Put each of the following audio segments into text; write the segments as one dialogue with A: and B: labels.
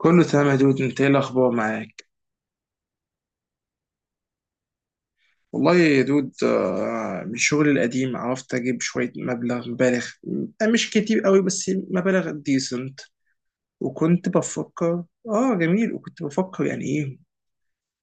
A: كله تمام يا دود، انت ايه الاخبار معاك؟ والله يا دود، من شغلي القديم عرفت اجيب شويه مبالغ. مش كتير قوي بس مبالغ ديسنت. وكنت بفكر اه جميل. وكنت بفكر يعني ايه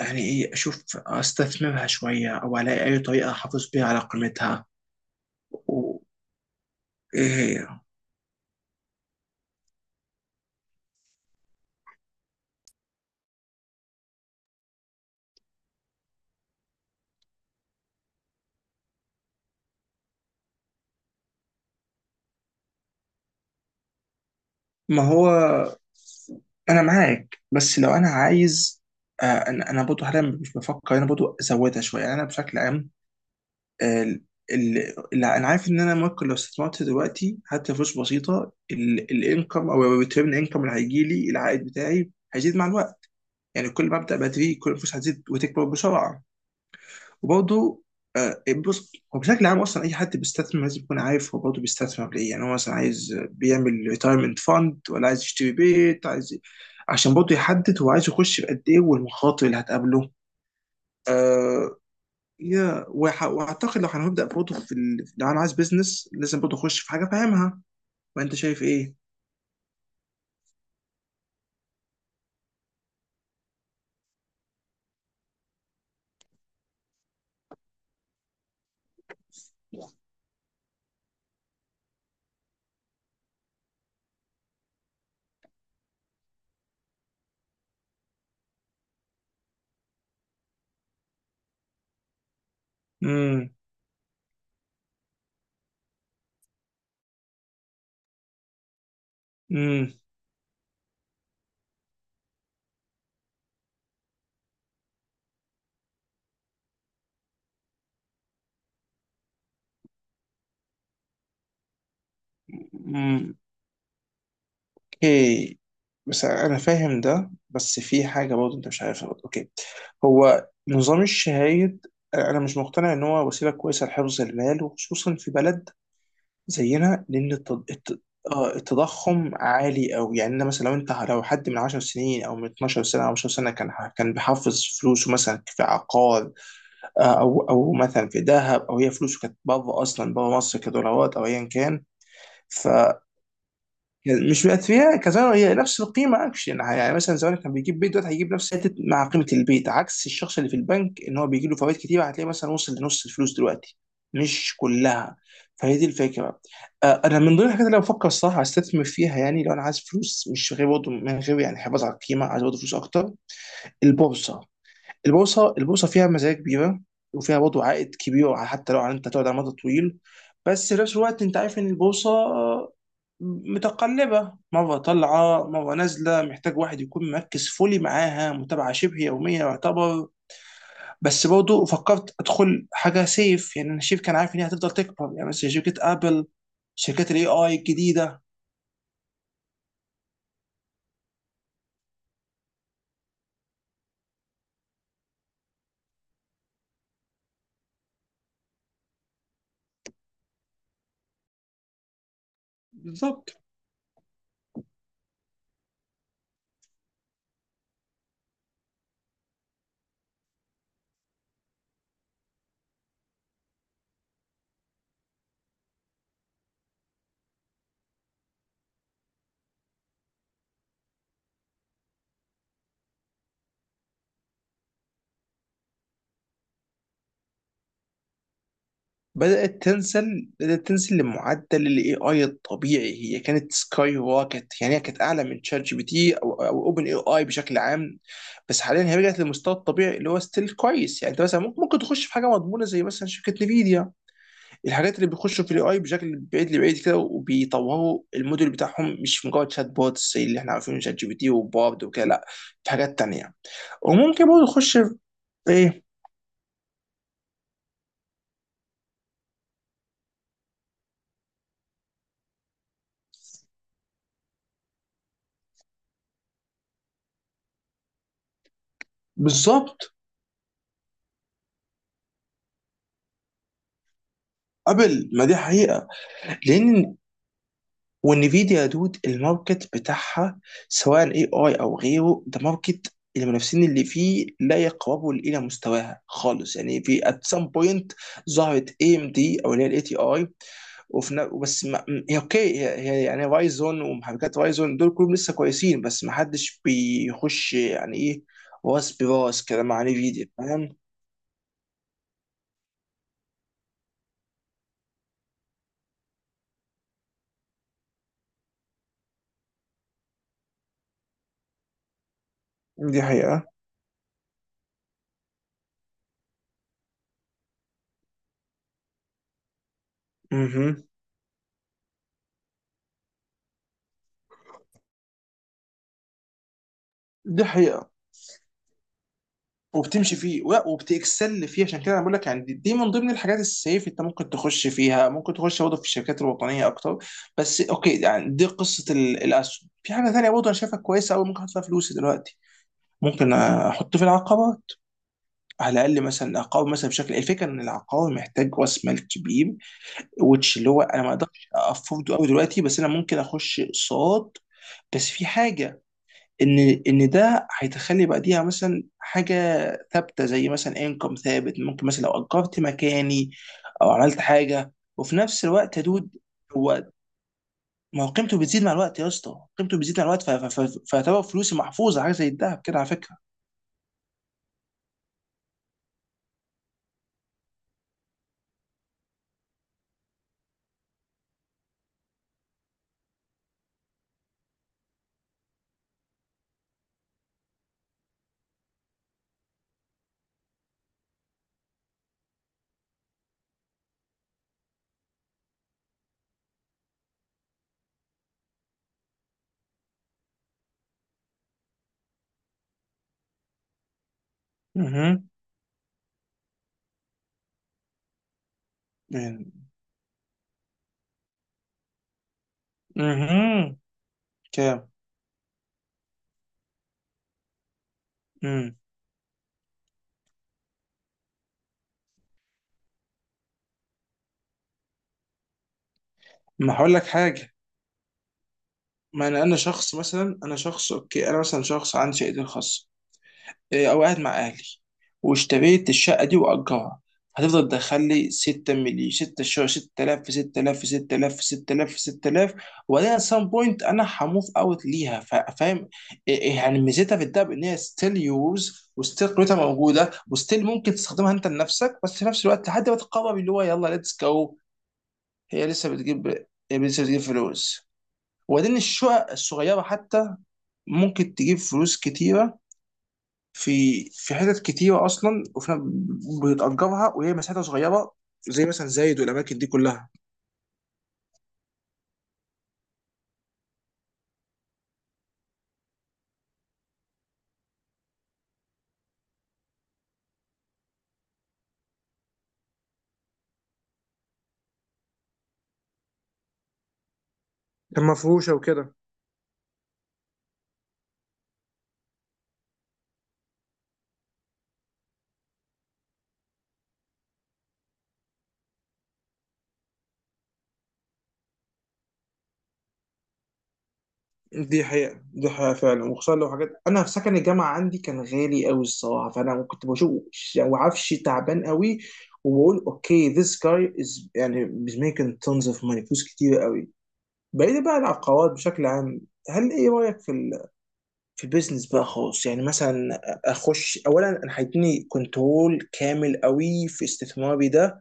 A: يعني ايه اشوف استثمرها شويه او الاقي اي طريقه احافظ بيها على قيمتها. و- ايه هي؟ ما هو انا معاك، بس لو انا عايز. انا برضه حاليا مش بفكر، انا برضه ازودها شويه يعني، انا بشكل عام. ال- اللي انا عارف ان انا ممكن لو استثمرت دلوقتي حتى فلوس بسيطه، الانكم او الريتيرن انكم اللي هيجي لي العائد بتاعي هيزيد مع الوقت. يعني كل ما ابدا بدري كل الفلوس هتزيد وتكبر بسرعه. وبرضه، بص هو بشكل عام اصلا اي حد بيستثمر لازم يكون عارف هو برضه بيستثمر ليه. يعني هو مثلا عايز بيعمل ريتايرمنت فاند ولا عايز يشتري بيت عايز، عشان برضه يحدد هو عايز يخش بقد ايه والمخاطر اللي هتقابله. آه، واعتقد لو هنبدا برضه في ال... لو انا عايز بيزنس لازم برضه اخش في حاجه فاهمها. وانت شايف ايه؟ امم. امم. امم. اوكي. بس انا فاهم ده، بس في حاجه برضه انت مش عارفها برضه. اوكي. هو نظام الشهايد انا مش مقتنع ان هو وسيله كويسه لحفظ المال، وخصوصا في بلد زينا، لان التضخم عالي قوي. يعني أنا مثلا، لو انت لو حد من 10 سنين او من 12 سنه او 10 سنه كان بيحافظ فلوسه مثلا في عقار، او مثلا في دهب، او هي فلوسه كانت بره اصلا، بره مصر كدولارات او ايا كان، فمش بقت فيها كزمان هي نفس القيمه اكشن. يعني مثلا زمان كان بيجيب بيت، دلوقتي هيجيب نفس حته مع قيمه البيت، عكس الشخص اللي في البنك ان هو بيجي له فوائد كتير، هتلاقيه مثلا وصل لنص الفلوس دلوقتي، مش كلها. فهي دي الفكره. انا من ضمن الحاجات اللي أنا بفكر الصراحه استثمر فيها، يعني لو انا عايز فلوس مش غير برضه من غير يعني حفاظ على القيمه، عايز برضه فلوس اكتر: البورصه. البورصه فيها مزايا كبيره، وفيها برضه عائد كبير حتى لو انت تقعد على مدى طويل. بس في نفس الوقت انت عارف ان البورصه متقلبه، مره طالعه مره نازله، محتاج واحد يكون مركز فولي معاها، متابعه شبه يوميه يعتبر. بس برضه فكرت ادخل حاجه سيف، يعني انا شايف كان عارف ان هي هتفضل تكبر، يعني مثلا شركه ابل، شركات الاي اي الجديده. بالظبط. بدأت تنزل لمعدل الاي اي الطبيعي. هي كانت سكاي روكت، يعني هي كانت اعلى من شات جي بي تي او اوبن اي اي بشكل عام. بس حاليا هي رجعت للمستوى الطبيعي اللي هو ستيل كويس. يعني انت مثلا ممكن تخش في حاجه مضمونه زي مثلا شركه نفيديا، الحاجات اللي بيخشوا في الاي اي بشكل بعيد لبعيد كده وبيطوروا الموديل بتاعهم مش مجرد شات بوتس زي اللي احنا عارفينه، شات جي بي تي وبارد وكده. لا، في حاجات تانيه. وممكن برضه تخش في ايه. بالظبط. قبل ما دي حقيقة، لأن والنفيديا يا دود، الماركت بتاعها سواء اي اي او غيره، ده ماركت المنافسين اللي فيه لا يقربوا الى مستواها خالص. يعني في ات سام بوينت ظهرت اي ام دي او اللي هي الاي تي اي. بس ما، هي اوكي، هي يعني رايزون ومحركات رايزون دول كلهم لسه كويسين، بس ما حدش بيخش يعني ايه راس براس كده مع نفيديا، فاهم؟ دي حقيقة. مهم. دي حقيقة. وبتمشي فيه ولا وبتكسل فيه. عشان كده انا بقول لك يعني دي من ضمن الحاجات السيف انت ممكن تخش فيها. ممكن تخش برضه في الشركات الوطنيه اكتر. بس اوكي، يعني دي قصه الاسهم. في حاجه ثانيه برضه انا شايفها كويسه قوي ممكن احط فيها فلوسي دلوقتي، ممكن احط في العقارات. على الاقل مثلا العقار، مثلا بشكل الفكره ان العقار محتاج راس مال كبير وتش اللي هو انا ما اقدرش افورده قوي دلوقتي، بس انا ممكن اخش اقساط. بس في حاجه ان ده هيتخلي بعديها مثلا حاجه ثابته، زي مثلا انكم ثابت، ممكن مثلا لو اجرت مكاني او عملت حاجه. وفي نفس الوقت يا دود، هو ما هو قيمته بتزيد مع الوقت يا اسطى، قيمته بتزيد مع الوقت، فيعتبر فلوسي محفوظه، حاجه زي الذهب كده على فكره. اها. يعني. اها. كام. مم. ما هقول لك حاجه. ما انا شخص مثلا، انا شخص اوكي، انا مثلا شخص عندي شهادتي الخاصه، إيه، او قاعد مع اهلي، واشتريت الشقه دي واجرها، هتفضل تدخل لي 6 مليون، 6 شهور، 6000 في 6000 في 6000 في 6000 في 6000. وبعدين سام بوينت انا هموف اوت ليها، فاهم؟ إيه يعني ميزتها في الدهب ان هي ستيل يوز وستيل قيمتها موجوده وستيل ممكن تستخدمها انت لنفسك، بس في نفس الوقت لحد ما تقرر اللي هو يلا ليتس جو. هي لسه بتجيب هي لسه بتجيب فلوس. وبعدين الشقق الصغيره حتى ممكن تجيب فلوس كتيره، في في حتت كتيره اصلا، وفي بتأجرها وهي مساحتها صغيره زي مثلا زايد والاماكن دي كلها. كان مفروشة وكده. دي حقيقة فعلا، وخصوصا لو حاجات. أنا في سكن الجامعة عندي كان غالي أوي الصراحة، فأنا كنت بشوف يعني عفش تعبان أوي. وبقول أوكي this guy is يعني is making tons of money، فلوس كتير أوي. بعيد بقى عن العقارات بشكل عام، هل إيه رأيك في في البيزنس بقى خالص؟ يعني مثلا اخش اولا انا هيديني كنترول كامل قوي في استثماري ده.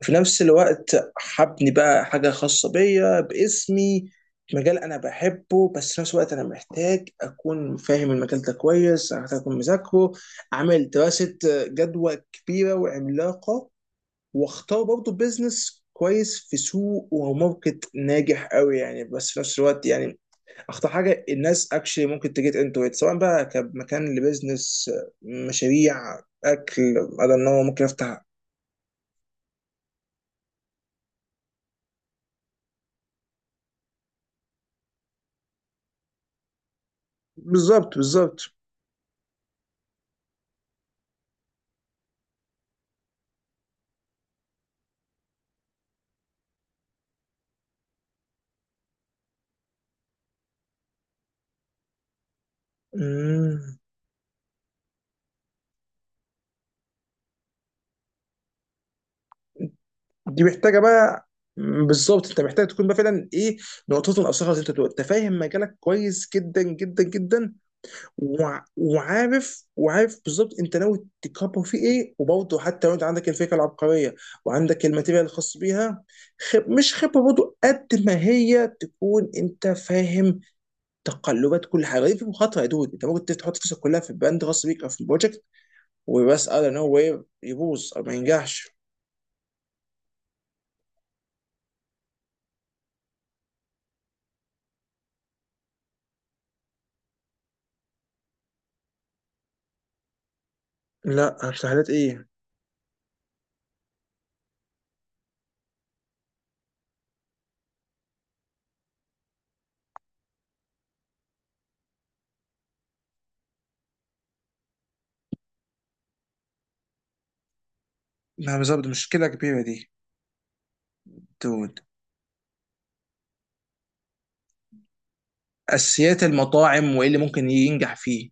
A: في نفس الوقت هبني بقى حاجه خاصه بيا باسمي، مجال انا بحبه. بس في نفس الوقت انا محتاج اكون فاهم المجال ده كويس، محتاج اكون مذاكره، اعمل دراسه جدوى كبيره وعملاقه، واختار برضه بيزنس كويس في سوق وماركت ناجح قوي يعني. بس في نفس الوقت يعني اخطر حاجه الناس اكشلي ممكن تجيت انتو ات، سواء بقى كمكان لبزنس، مشاريع، اكل، انا ان هو ممكن افتح. بالظبط. بالظبط. مم. دي محتاجه بقى، بالظبط انت محتاج تكون بقى فعلا ايه نقطته الاصغر، زي ما انت بتقول انت فاهم مجالك كويس جدا جدا جدا، وعارف بالظبط انت ناوي تكبر فيه ايه. وبرضه حتى لو انت عندك الفكره العبقريه وعندك الماتيريال الخاص بيها، خب مش خبره برضه قد ما هي تكون. انت فاهم تقلبات كل حاجه دي؟ في مخاطره يا دود، انت ممكن تحط فلوسك كلها في البراند غصب بيك او في البروجكت، وبس انا نو واي يبوظ او ما ينجحش. لا تحليلات ايه. لا بالظبط مشكله كبيره دي دود، اساسيات المطاعم وايه اللي ممكن ينجح فيه.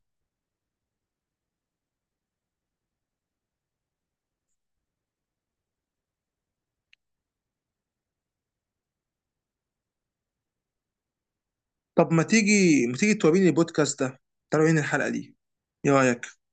A: طب ما تيجي ما تيجي توريني البودكاست ده، تعالوا هنا الحلقه دي، ايه رايك؟